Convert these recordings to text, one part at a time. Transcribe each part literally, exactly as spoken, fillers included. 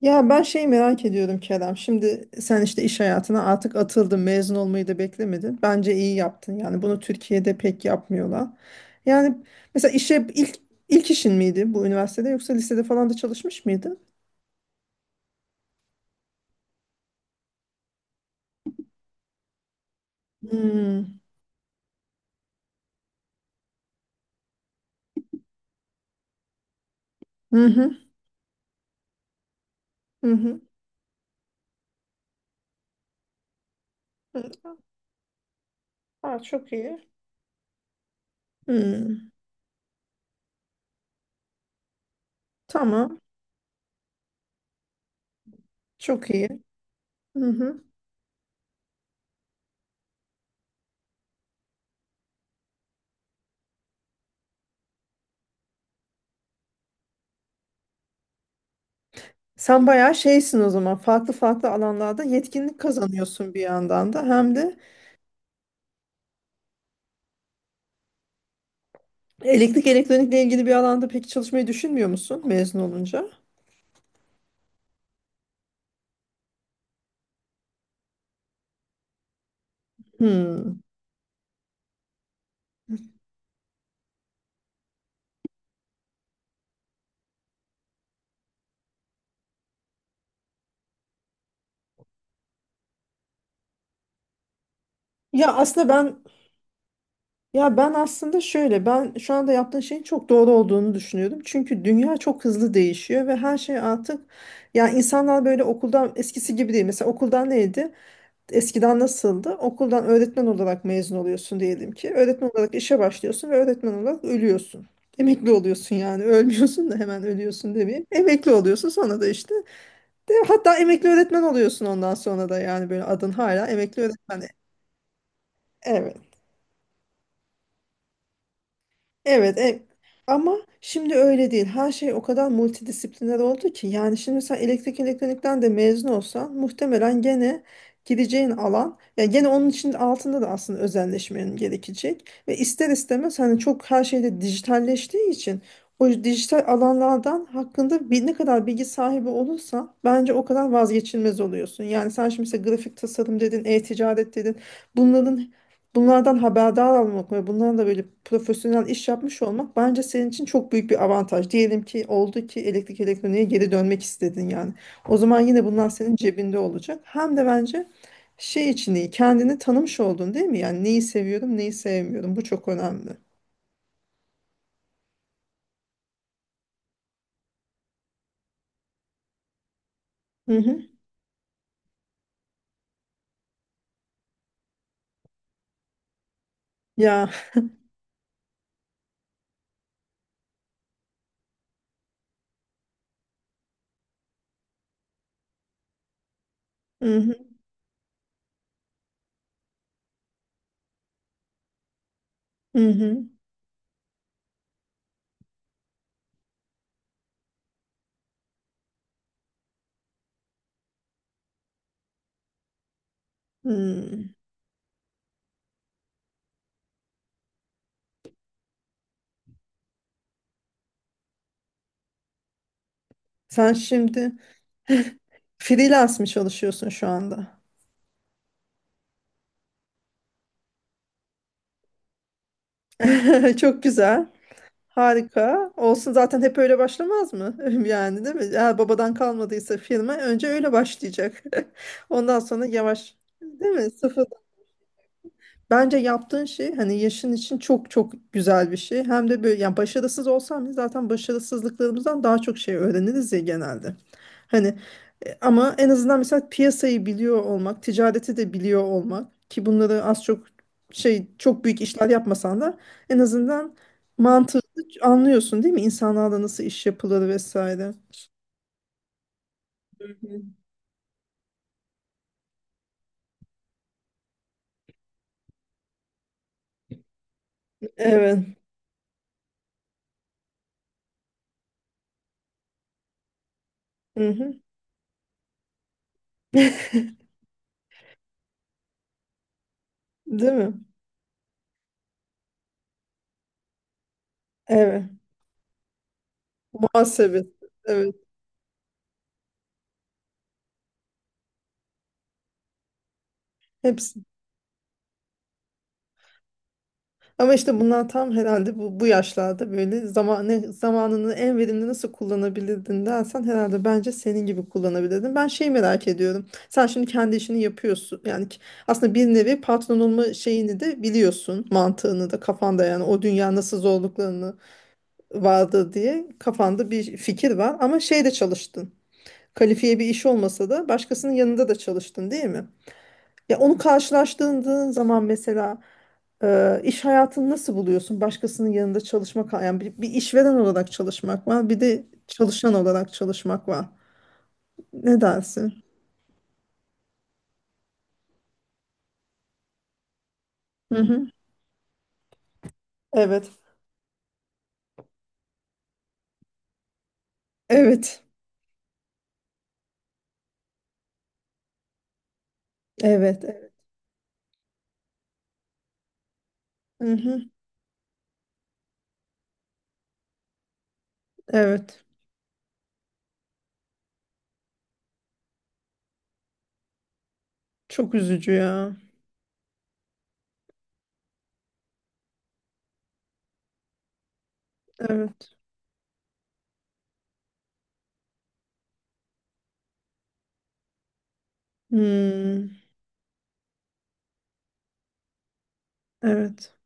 Ya ben şeyi merak ediyorum Kerem. Şimdi sen işte iş hayatına artık atıldın, mezun olmayı da beklemedin. Bence iyi yaptın. Yani bunu Türkiye'de pek yapmıyorlar. Yani mesela işe ilk ilk işin miydi bu üniversitede yoksa lisede falan da çalışmış mıydın? Hmm. Hı hı. Hı hı. Hı. Aa, çok iyi. Hmm. Tamam. Çok iyi. Hı hı. Sen bayağı şeysin o zaman. Farklı farklı alanlarda yetkinlik kazanıyorsun bir yandan da hem de. Elektrik elektronikle ilgili bir alanda peki çalışmayı düşünmüyor musun mezun olunca? Hmm. Ya aslında ben ya ben aslında şöyle ben şu anda yaptığın şeyin çok doğru olduğunu düşünüyordum. Çünkü dünya çok hızlı değişiyor ve her şey artık ya insanlar böyle okuldan eskisi gibi değil. Mesela okuldan neydi? Eskiden nasıldı? Okuldan öğretmen olarak mezun oluyorsun diyelim ki. Öğretmen olarak işe başlıyorsun ve öğretmen olarak ölüyorsun. Emekli oluyorsun yani ölmüyorsun da hemen ölüyorsun demeyeyim. Emekli oluyorsun sonra da işte hatta emekli öğretmen oluyorsun ondan sonra da yani böyle adın hala emekli öğretmen. Evet. Evet, e- ama şimdi öyle değil. Her şey o kadar multidisipliner oldu ki yani şimdi sen elektrik elektronikten de mezun olsan muhtemelen gene gideceğin alan yani gene onun için altında da aslında özelleşmen gerekecek ve ister istemez hani çok her şeyde dijitalleştiği için o dijital alanlardan hakkında bir, ne kadar bilgi sahibi olursan bence o kadar vazgeçilmez oluyorsun. Yani sen şimdi mesela grafik tasarım dedin, e-ticaret dedin. Bunların Bunlardan haberdar olmak ve bunlarla da böyle profesyonel iş yapmış olmak bence senin için çok büyük bir avantaj. Diyelim ki oldu ki elektrik elektroniğe geri dönmek istedin yani. O zaman yine bunlar senin cebinde olacak. Hem de bence şey için iyi kendini tanımış oldun değil mi? Yani neyi seviyorum neyi sevmiyorum bu çok önemli. Hı hı. Ya hı hı. Hı hı. Hı. Sen şimdi freelance mi çalışıyorsun şu anda? Çok güzel. Harika. Olsun zaten hep öyle başlamaz mı? Yani değil mi? Eğer babadan kalmadıysa firma önce öyle başlayacak. Ondan sonra yavaş, değil mi? Bence yaptığın şey hani yaşın için çok çok güzel bir şey. Hem de böyle yani başarısız olsam biz zaten başarısızlıklarımızdan daha çok şey öğreniriz ya genelde. Hani e, ama en azından mesela piyasayı biliyor olmak, ticareti de biliyor olmak ki bunları az çok şey çok büyük işler yapmasan da en azından mantığı anlıyorsun değil mi? İnsanlarla nasıl iş yapılır vesaire. Hı hı. Evet. Hı hı. Değil mi? Evet. Muhasebe. Evet. Hepsi. Ama işte bunlar tam herhalde bu, bu yaşlarda böyle zamanı, zamanını en verimli nasıl kullanabilirdin dersen herhalde bence senin gibi kullanabilirdin. Ben şey merak ediyorum. Sen şimdi kendi işini yapıyorsun. Yani ki- aslında bir nevi patron olma şeyini de biliyorsun. Mantığını da kafanda yani o dünya nasıl zorluklarını vardı diye kafanda bir fikir var. Ama şeyde çalıştın. Kalifiye bir iş olmasa da başkasının yanında da çalıştın değil mi? Ya onu karşılaştığın zaman mesela e, iş hayatını nasıl buluyorsun? Başkasının yanında çalışmak, yani bir, bir işveren olarak çalışmak var, bir de çalışan olarak çalışmak var. Ne dersin? Hı hı. Evet. Evet. Evet. Evet. Hı hı. Evet. Çok üzücü ya. Evet. Hmm. Evet.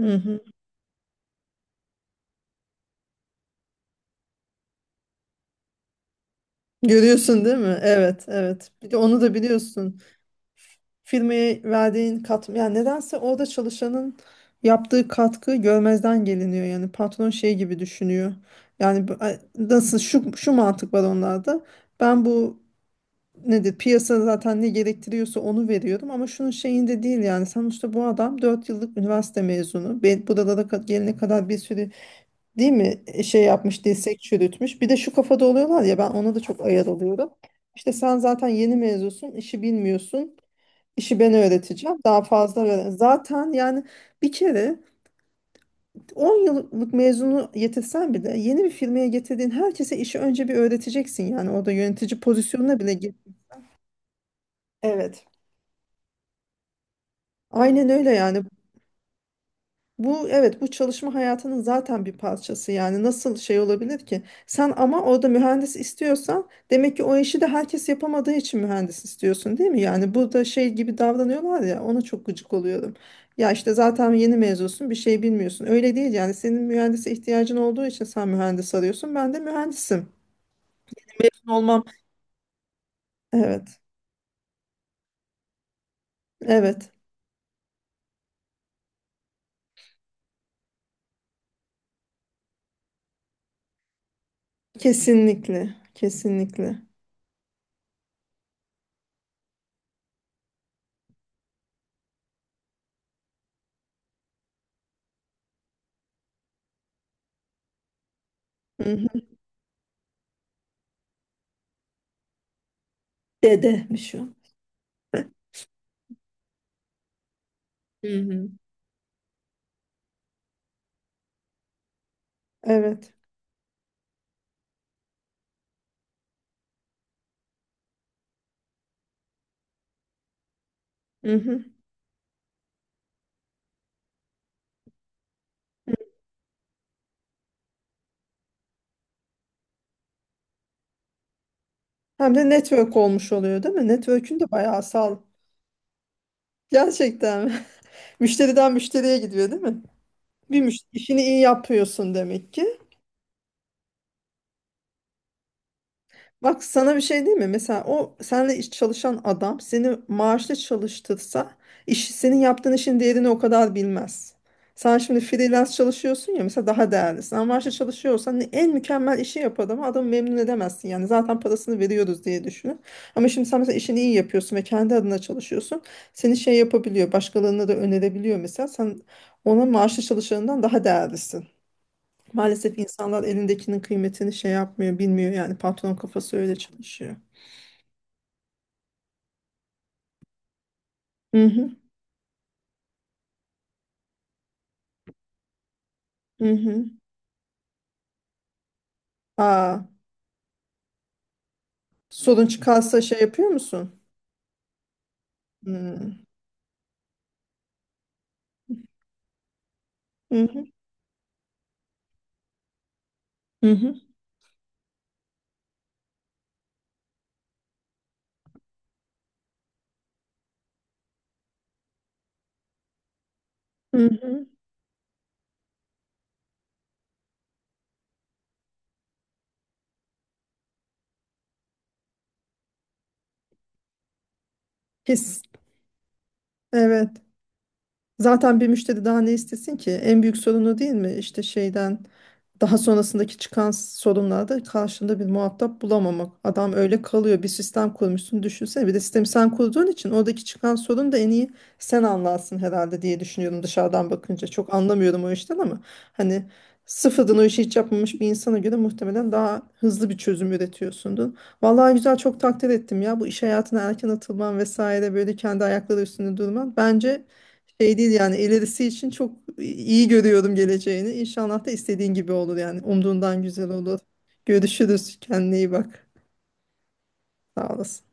Hı hı. Görüyorsun değil mi? Evet, evet. Bir de onu da biliyorsun. Firmaya verdiğin katma yani nedense orada çalışanın yaptığı katkı görmezden geliniyor, yani patron şey gibi düşünüyor yani bu- ay, nasıl şu şu mantık var onlarda, ben bu nedir, piyasa zaten ne gerektiriyorsa onu veriyorum ama şunun şeyinde değil. Yani sonuçta bu adam dört yıllık üniversite mezunu, ben buralara ka- gelene kadar bir sürü değil mi e, şey yapmış dirsek çürütmüş. Bir de şu kafada oluyorlar ya, ben ona da çok ayar oluyorum. İşte sen zaten yeni mezunsun, işi bilmiyorsun. İşi ben öğreteceğim. Daha fazla öğren. Zaten yani bir kere on yıllık mezunu yetirsen bile yeni bir firmaya getirdiğin herkese işi önce bir öğreteceksin. Yani orada yönetici pozisyonuna bile gir. Evet. Aynen öyle yani. Bu evet bu çalışma hayatının zaten bir parçası yani nasıl şey olabilir ki? Sen ama orada mühendis istiyorsan demek ki o işi de herkes yapamadığı için mühendis istiyorsun değil mi? Yani burada şey gibi davranıyorlar ya ona çok gıcık oluyorum. Ya işte zaten yeni mezunsun bir şey bilmiyorsun. Öyle değil yani senin mühendise ihtiyacın olduğu için sen mühendis arıyorsun ben de mühendisim. Mezun olmam. Evet, evet, kesinlikle, kesinlikle. Hı hı. Dedemiş o. Hı hı. Evet. Hı hı. Hem de network olmuş oluyor değil mi? Network'ün de bayağı sağlam. Gerçekten mi? Müşteriden müşteriye gidiyor değil mi? Bir müşteri işini iyi yapıyorsun demek ki. Bak sana bir şey değil mi? Mesela o seninle iş çalışan adam seni maaşlı çalıştırsa iş, senin yaptığın işin değerini o kadar bilmez. Sen şimdi freelance çalışıyorsun ya mesela daha değerlisin. Ama maaşlı çalışıyorsan ne- en mükemmel işi yapar ama adamı memnun edemezsin. Yani zaten parasını veriyoruz diye düşünün. Ama şimdi sen mesela işini iyi yapıyorsun ve kendi adına çalışıyorsun. Seni şey yapabiliyor, başkalarına da önerebiliyor mesela. Sen ona maaşlı çalışanından daha değerlisin. Maalesef insanlar elindekinin kıymetini şey yapmıyor, bilmiyor yani patron kafası öyle çalışıyor. Hı hı, hı hı. Aa, sorun çıkarsa şey yapıyor musun? Hı hı, hı hı, hı hı. His, evet. Zaten bir müşteri daha ne istesin ki? En büyük sorunu değil mi? İşte şeyden daha sonrasındaki çıkan sorunlarda karşında bir muhatap bulamamak. Adam öyle kalıyor. Bir sistem kurmuşsun düşünsene. Bir de sistemi sen kurduğun için oradaki çıkan sorun da en iyi sen anlarsın herhalde diye düşünüyorum dışarıdan bakınca. Çok anlamıyorum o işten ama hani sıfırdan o işi hiç yapmamış bir insana göre muhtemelen daha hızlı bir çözüm üretiyorsundur. Vallahi güzel çok takdir ettim ya bu iş hayatına erken atılman vesaire böyle kendi ayakları üstünde durman. Bence şey değil yani ilerisi için çok iyi görüyorum geleceğini. İnşallah da istediğin gibi olur yani. Umduğundan güzel olur. Görüşürüz. Kendine iyi bak. Sağ olasın.